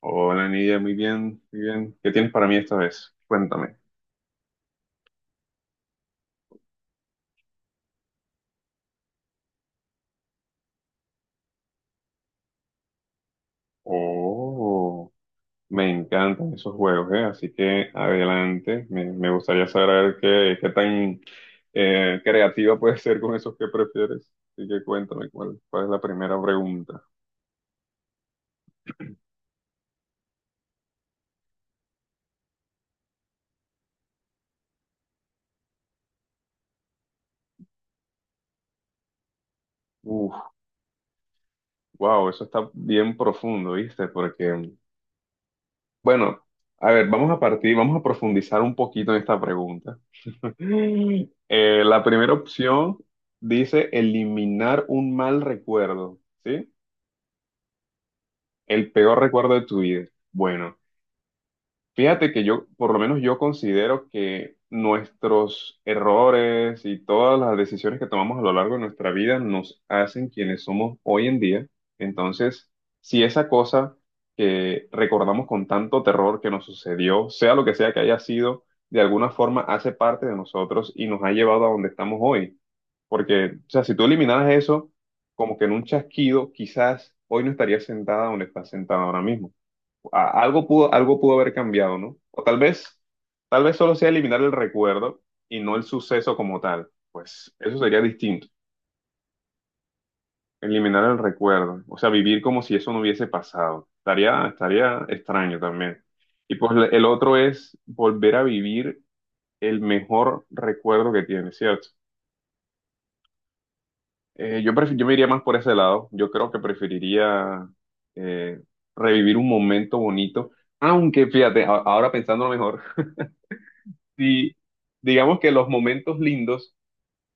Hola, Nidia, muy bien, muy bien. ¿Qué tienes para mí esta vez? Cuéntame. Oh, me encantan esos juegos, ¿eh? Así que adelante. Me gustaría saber qué tan creativa puedes ser con esos que prefieres. Así que cuéntame cuál es la primera pregunta. Uf, wow, eso está bien profundo, ¿viste? Porque, bueno, a ver, vamos a profundizar un poquito en esta pregunta. La primera opción dice eliminar un mal recuerdo, ¿sí? El peor recuerdo de tu vida. Bueno, fíjate que yo, por lo menos yo considero que nuestros errores y todas las decisiones que tomamos a lo largo de nuestra vida nos hacen quienes somos hoy en día. Entonces, si esa cosa que recordamos con tanto terror que nos sucedió, sea lo que sea que haya sido, de alguna forma hace parte de nosotros y nos ha llevado a donde estamos hoy. Porque, o sea, si tú eliminaras eso, como que en un chasquido, quizás hoy no estarías sentada donde estás sentada ahora mismo. Algo pudo, algo pudo haber cambiado, ¿no? O tal vez solo sea eliminar el recuerdo y no el suceso como tal. Pues eso sería distinto, eliminar el recuerdo, o sea, vivir como si eso no hubiese pasado. Estaría extraño también. Y pues el otro es volver a vivir el mejor recuerdo que tienes, ¿cierto? Yo me iría más por ese lado. Yo creo que preferiría eh, revivir un momento bonito. Aunque fíjate, ahora pensándolo mejor, y digamos que los momentos lindos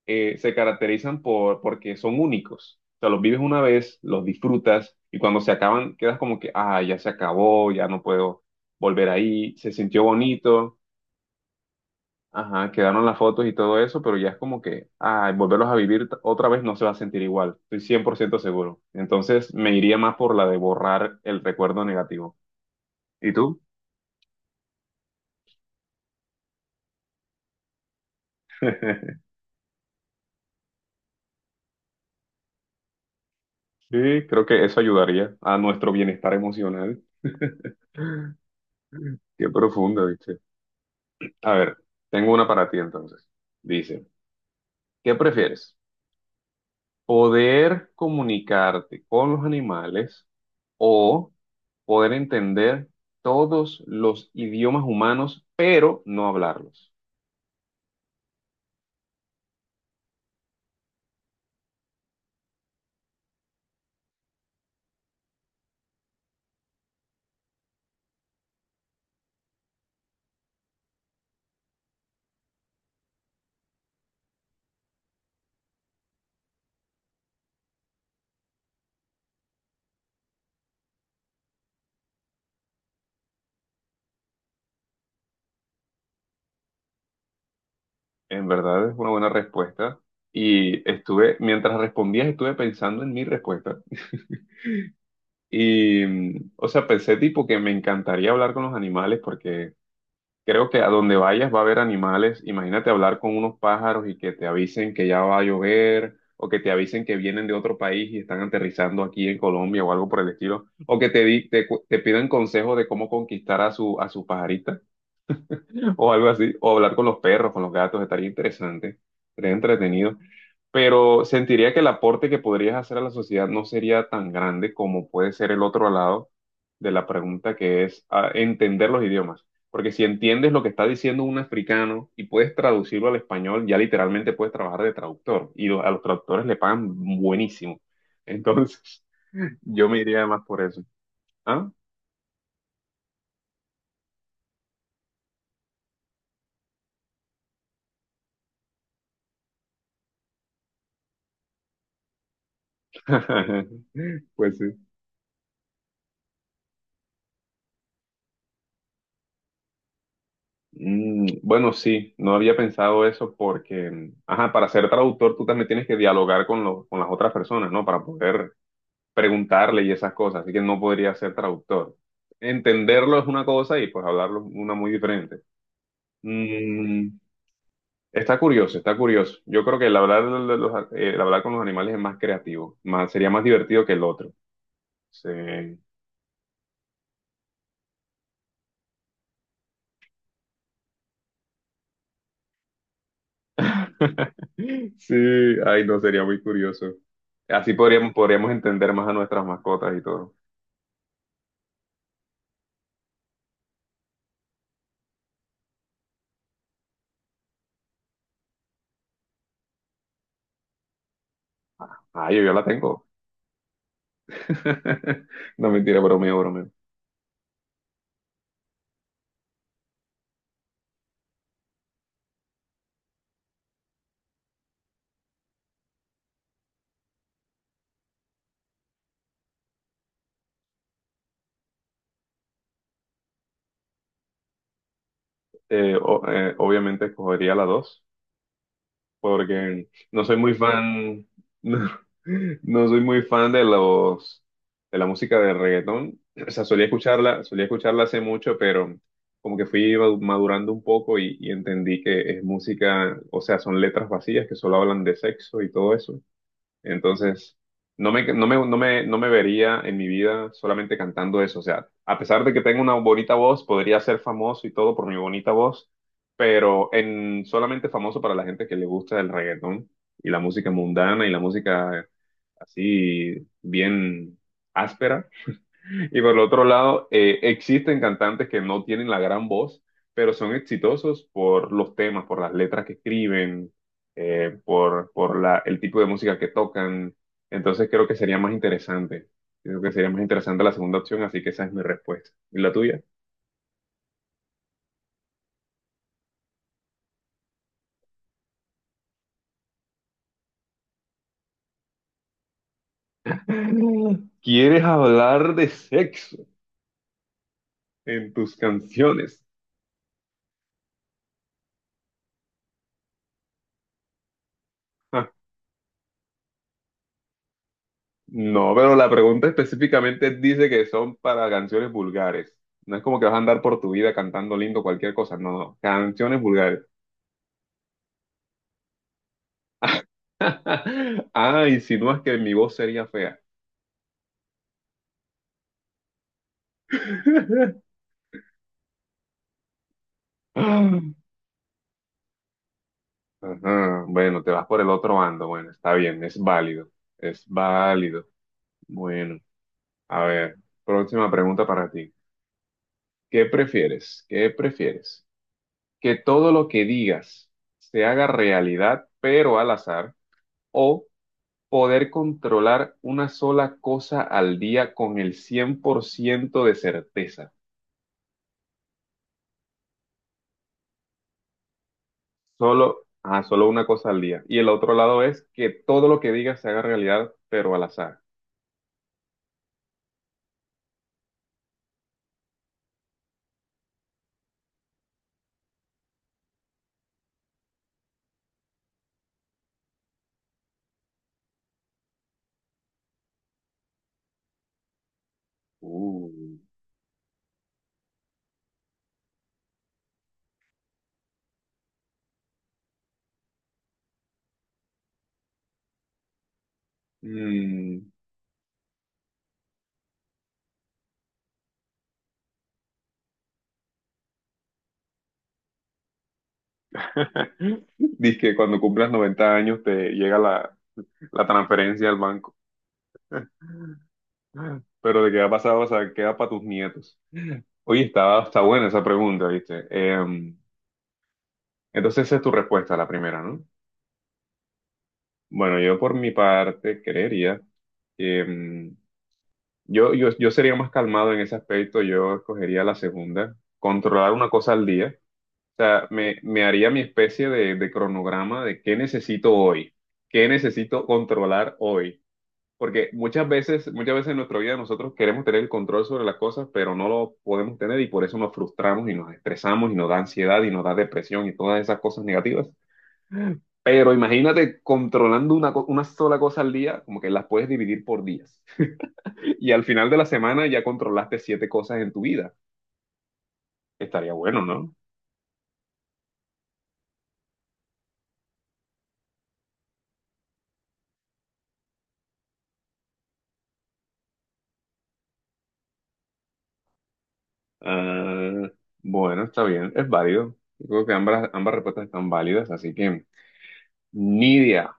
se caracterizan porque son únicos. O sea, los vives una vez, los disfrutas y cuando se acaban quedas como que, ah, ya se acabó, ya no puedo volver ahí, se sintió bonito, ajá, quedaron las fotos y todo eso, pero ya es como que, ah, volverlos a vivir otra vez no se va a sentir igual, estoy 100% seguro. Entonces me iría más por la de borrar el recuerdo negativo. ¿Y tú? Sí, creo que eso ayudaría a nuestro bienestar emocional. Qué profunda, ¿viste? A ver, tengo una para ti entonces. Dice, ¿qué prefieres? ¿Poder comunicarte con los animales o poder entender todos los idiomas humanos, pero no hablarlos? En verdad es una buena respuesta. Y estuve, mientras respondías, estuve pensando en mi respuesta. Y, o sea, pensé tipo que me encantaría hablar con los animales porque creo que a donde vayas va a haber animales. Imagínate hablar con unos pájaros y que te avisen que ya va a llover, o que te avisen que vienen de otro país y están aterrizando aquí en Colombia o algo por el estilo, o que te, di- te, cu- te pidan consejo de cómo conquistar a a su pajarita o algo así, o hablar con los perros, con los gatos, estaría interesante, estaría entretenido pero sentiría que el aporte que podrías hacer a la sociedad no sería tan grande como puede ser el otro lado de la pregunta que es ah, entender los idiomas. Porque si entiendes lo que está diciendo un africano y puedes traducirlo al español, ya literalmente puedes trabajar de traductor y a los traductores le pagan buenísimo. Entonces, yo me iría más por eso. ¿Ah? Pues sí. Bueno, sí, no había pensado eso porque, ajá, para ser traductor tú también tienes que dialogar con las otras personas, ¿no? Para poder preguntarle y esas cosas, así que no podría ser traductor. Entenderlo es una cosa y pues hablarlo es una muy diferente. Mm, Está curioso, está curioso. Yo creo que el el hablar con los animales es más creativo, más, sería más divertido que el otro. Sí. Sí, ay, no, sería muy curioso. Así podríamos, podríamos entender más a nuestras mascotas y todo. Ah, yo la tengo. No mentira, bromeo, bromeo. Obviamente escogería la 2, porque no soy muy fan, no, no soy muy fan de la música de reggaetón. O sea, solía escucharla hace mucho, pero como que fui madurando un poco y entendí que es música, o sea, son letras vacías que solo hablan de sexo y todo eso. Entonces, no me vería en mi vida solamente cantando eso. O sea, a pesar de que tengo una bonita voz, podría ser famoso y todo por mi bonita voz, pero en solamente famoso para la gente que le gusta el reggaetón y la música mundana y la música así bien áspera. Y por el otro lado, existen cantantes que no tienen la gran voz, pero son exitosos por los temas, por las letras que escriben, por el tipo de música que tocan. Entonces creo que sería más interesante. Creo que sería más interesante la segunda opción, así que esa es mi respuesta. ¿Y la tuya? ¿Quieres hablar de sexo en tus canciones? No, pero la pregunta específicamente dice que son para canciones vulgares. No es como que vas a andar por tu vida cantando lindo cualquier cosa. No, no. Canciones vulgares. Ah, insinúas que mi voz sería fea. Ajá, bueno, te vas por el otro bando. Bueno, está bien, es válido. Es válido. Bueno, a ver, próxima pregunta para ti. ¿Qué prefieres? ¿Qué prefieres? ¿Que todo lo que digas se haga realidad, pero al azar? ¿O poder controlar una sola cosa al día con el 100% de certeza? Solo, ajá, solo una cosa al día. Y el otro lado es que todo lo que digas se haga realidad, pero al azar. Uh. Mm. Dice que cuando cumplas 90 años te llega la transferencia al banco. Pero de qué ha pasado, o sea, queda para tus nietos. Oye, está, está buena esa pregunta, ¿viste? Entonces esa es tu respuesta, la primera, ¿no? Bueno, yo por mi parte creería que yo sería más calmado en ese aspecto, yo escogería la segunda, controlar una cosa al día, o sea, me haría mi especie de cronograma de qué necesito hoy, qué necesito controlar hoy, porque muchas veces en nuestra vida nosotros queremos tener el control sobre las cosas, pero no lo podemos tener y por eso nos frustramos y nos estresamos y nos da ansiedad y nos da depresión y todas esas cosas negativas. Pero imagínate controlando una sola cosa al día, como que las puedes dividir por días. Y al final de la semana ya controlaste siete cosas en tu vida. Estaría bueno, ¿no? Ah, bueno, está bien, es válido. Yo creo que ambas, ambas respuestas están válidas, así que, Nidia,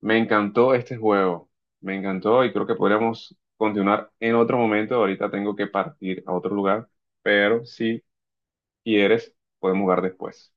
me encantó este juego. Me encantó y creo que podríamos continuar en otro momento. Ahorita tengo que partir a otro lugar, pero si quieres, podemos jugar después.